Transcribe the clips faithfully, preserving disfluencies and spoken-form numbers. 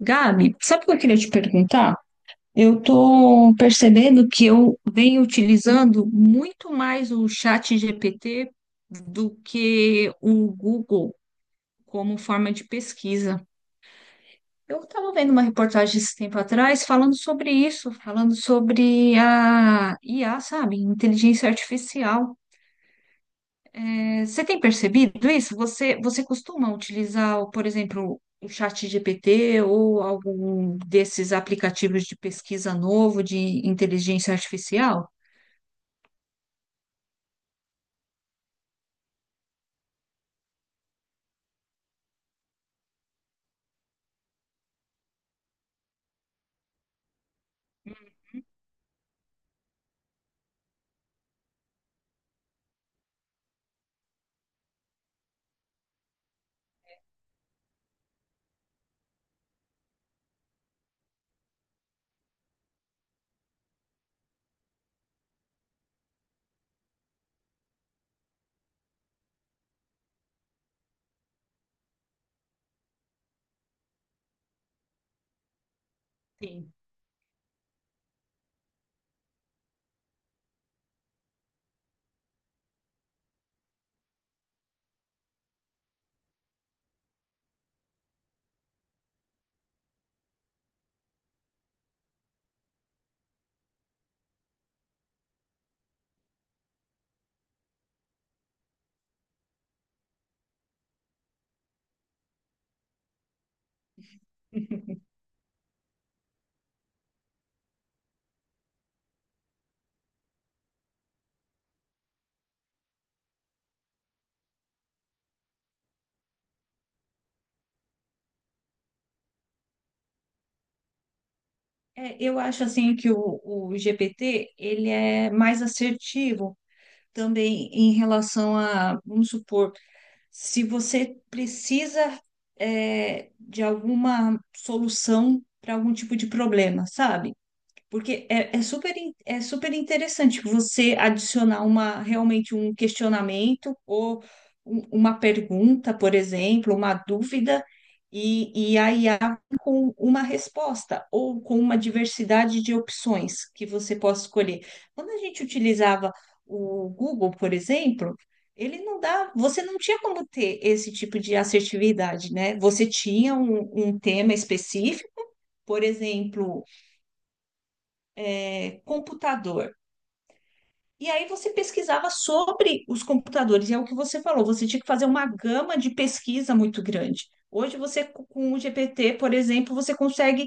Gabi, sabe o que eu queria te perguntar? Eu tô percebendo que eu venho utilizando muito mais o chat G P T do que o Google como forma de pesquisa. Eu estava vendo uma reportagem esse tempo atrás falando sobre isso, falando sobre a I A, sabe? Inteligência artificial. Você tem percebido isso? Você, você costuma utilizar, o- por exemplo, o chat G P T ou algum desses aplicativos de pesquisa novo de inteligência artificial? Sim. É, eu acho assim que o, o G P T ele é mais assertivo também em relação a, vamos supor, se você precisa é, de alguma solução para algum tipo de problema, sabe? Porque é, é super, in- é super interessante você adicionar uma realmente um questionamento ou um- uma pergunta, por exemplo, uma dúvida, e, e a I A com uma resposta ou com uma diversidade de opções que você possa escolher. Quando a gente utilizava o Google, por exemplo, ele não dá, você não tinha como ter esse tipo de assertividade, né? Você tinha um um tema específico, por exemplo, é, computador. E aí você pesquisava sobre os computadores, e é o que você falou, você tinha que fazer uma gama de pesquisa muito grande. Hoje você, com o G P T, por exemplo, você consegue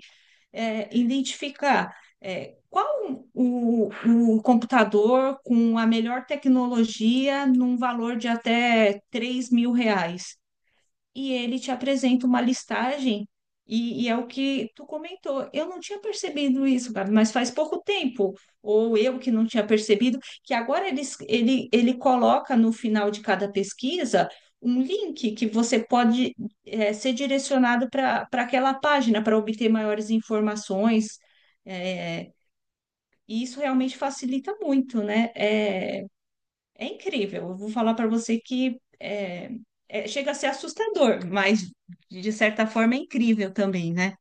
é, identificar é, qual o, o computador com a melhor tecnologia num valor de até três mil reais e ele te apresenta uma listagem, e, e é o que tu comentou. Eu não tinha percebido isso, Gabi, mas faz pouco tempo, ou eu que não tinha percebido, que agora ele, ele, ele coloca no final de cada pesquisa um link que você pode eh, ser direcionado para para aquela página para obter maiores informações. eh, e isso realmente facilita muito, né? É, é incrível. Eu vou falar para você que é, é- chega a ser assustador, mas de certa forma é incrível também, né?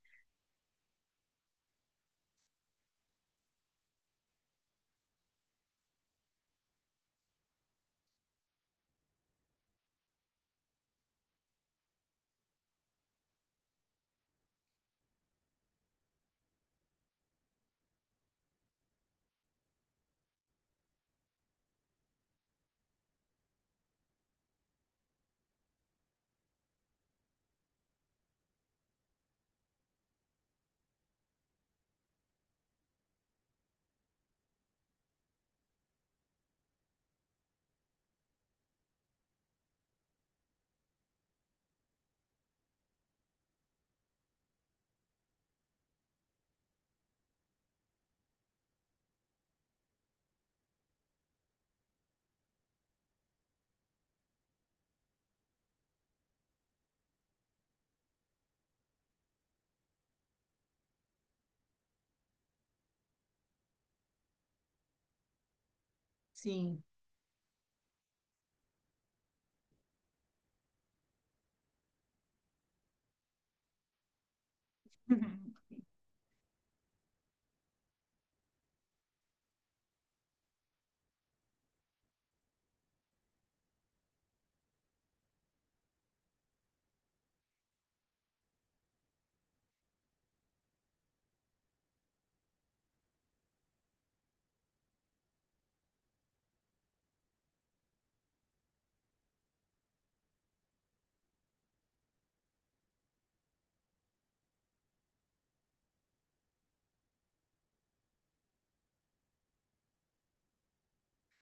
Sim. Uhum.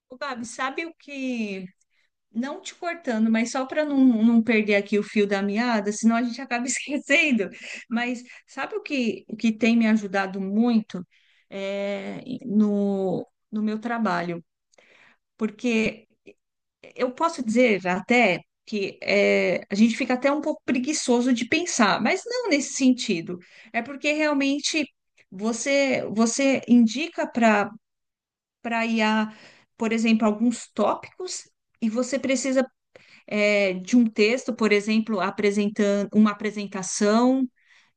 Ô, Gabi, sabe o que? Não te cortando, mas só para não, não perder aqui o fio da meada, senão a gente acaba esquecendo. Mas sabe o que, o que tem me ajudado muito é, no, no meu trabalho? Porque eu posso dizer até que é, a gente fica até um pouco preguiçoso de pensar, mas não nesse sentido. É porque realmente você você indica para para I a, por exemplo, alguns tópicos e você precisa é, de um texto, por exemplo, apresentando uma apresentação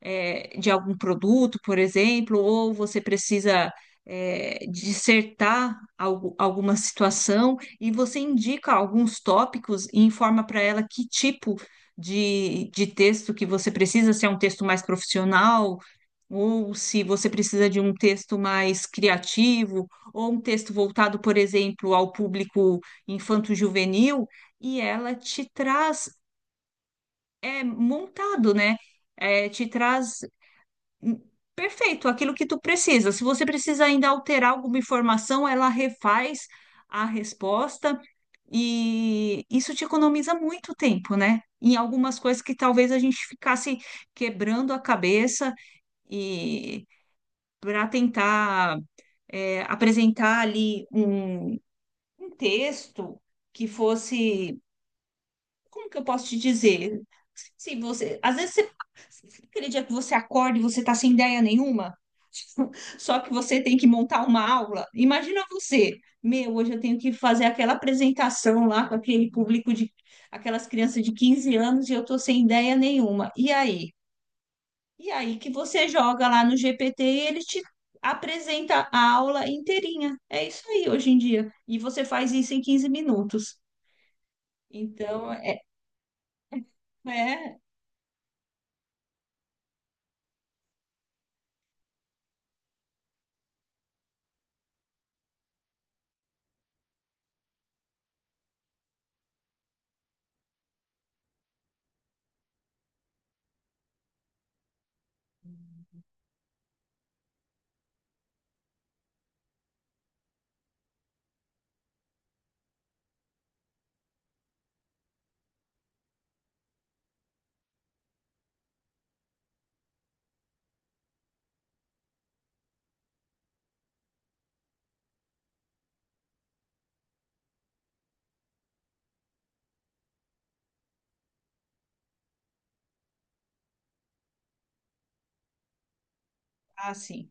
é, de algum produto, por exemplo, ou você precisa é, dissertar algo- alguma situação e você indica alguns tópicos e informa para ela que tipo de, de texto que você precisa, se é um texto mais profissional, ou se você precisa de um texto mais criativo, ou um texto voltado, por exemplo, ao público infanto-juvenil e ela te traz é, montado, né? É, te traz hum, perfeito aquilo que tu precisa. Se você precisa ainda alterar alguma informação, ela refaz a resposta e isso te economiza muito tempo, né? Em algumas coisas que talvez a gente ficasse quebrando a cabeça e para tentar é, apresentar ali um um texto que fosse como que eu posso te dizer? Se você, Às vezes você, aquele dia que você acorda e você tá sem ideia nenhuma, só que você tem que montar uma aula. Imagina você, meu, hoje eu tenho que fazer aquela apresentação lá com aquele público de aquelas crianças de quinze anos e eu tô sem ideia nenhuma. E aí? E aí que você joga lá no G P T e ele te apresenta a aula inteirinha. É isso aí hoje em dia. E você faz isso em quinze minutos. Então, é, é assim.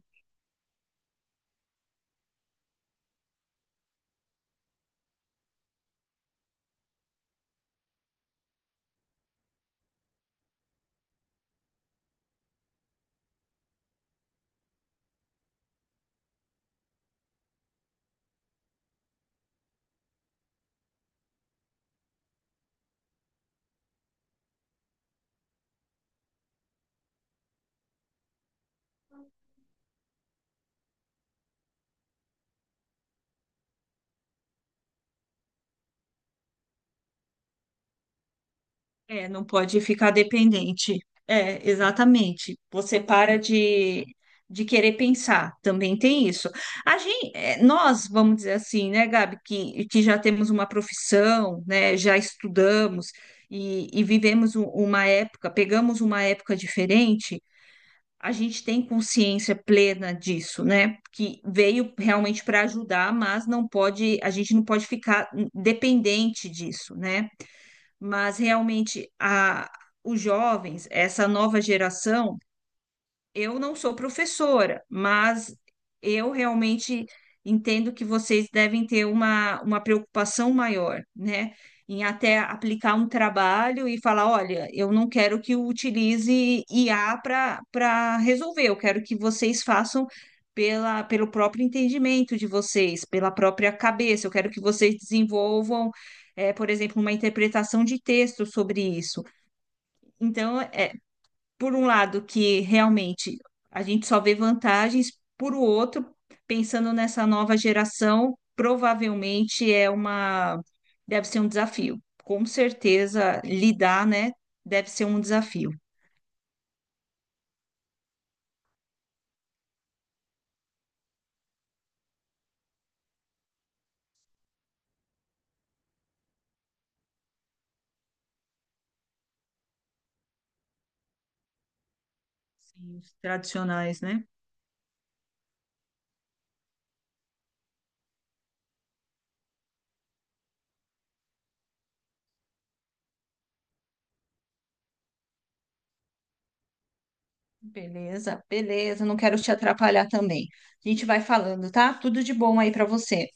É, não pode ficar dependente. É, exatamente. Você para de, de querer pensar, também tem isso. A gente, nós, vamos dizer assim, né, Gabi, que, que já temos uma profissão, né, já estudamos e, e vivemos u- uma época, pegamos uma época diferente, a gente tem consciência plena disso, né? Que veio realmente para ajudar, mas não pode, a gente não pode ficar dependente disso, né? Mas realmente a, os jovens, essa nova geração, eu não sou professora, mas eu realmente entendo que vocês devem ter uma, uma preocupação maior, né? Em até aplicar um trabalho e falar: olha, eu não quero que eu utilize I A para para resolver, eu quero que vocês façam pela, pelo próprio entendimento de vocês, pela própria cabeça, eu quero que vocês desenvolvam. Eh, por exemplo, uma interpretação de texto sobre isso. Então, é, por um lado, que realmente a gente só vê vantagens, por o outro, pensando nessa nova geração, provavelmente é uma deve ser um desafio. Com certeza, lidar, né, deve ser um desafio. Sim, os tradicionais, né? Beleza, beleza, não quero te atrapalhar também. A gente vai falando, tá? Tudo de bom aí para você.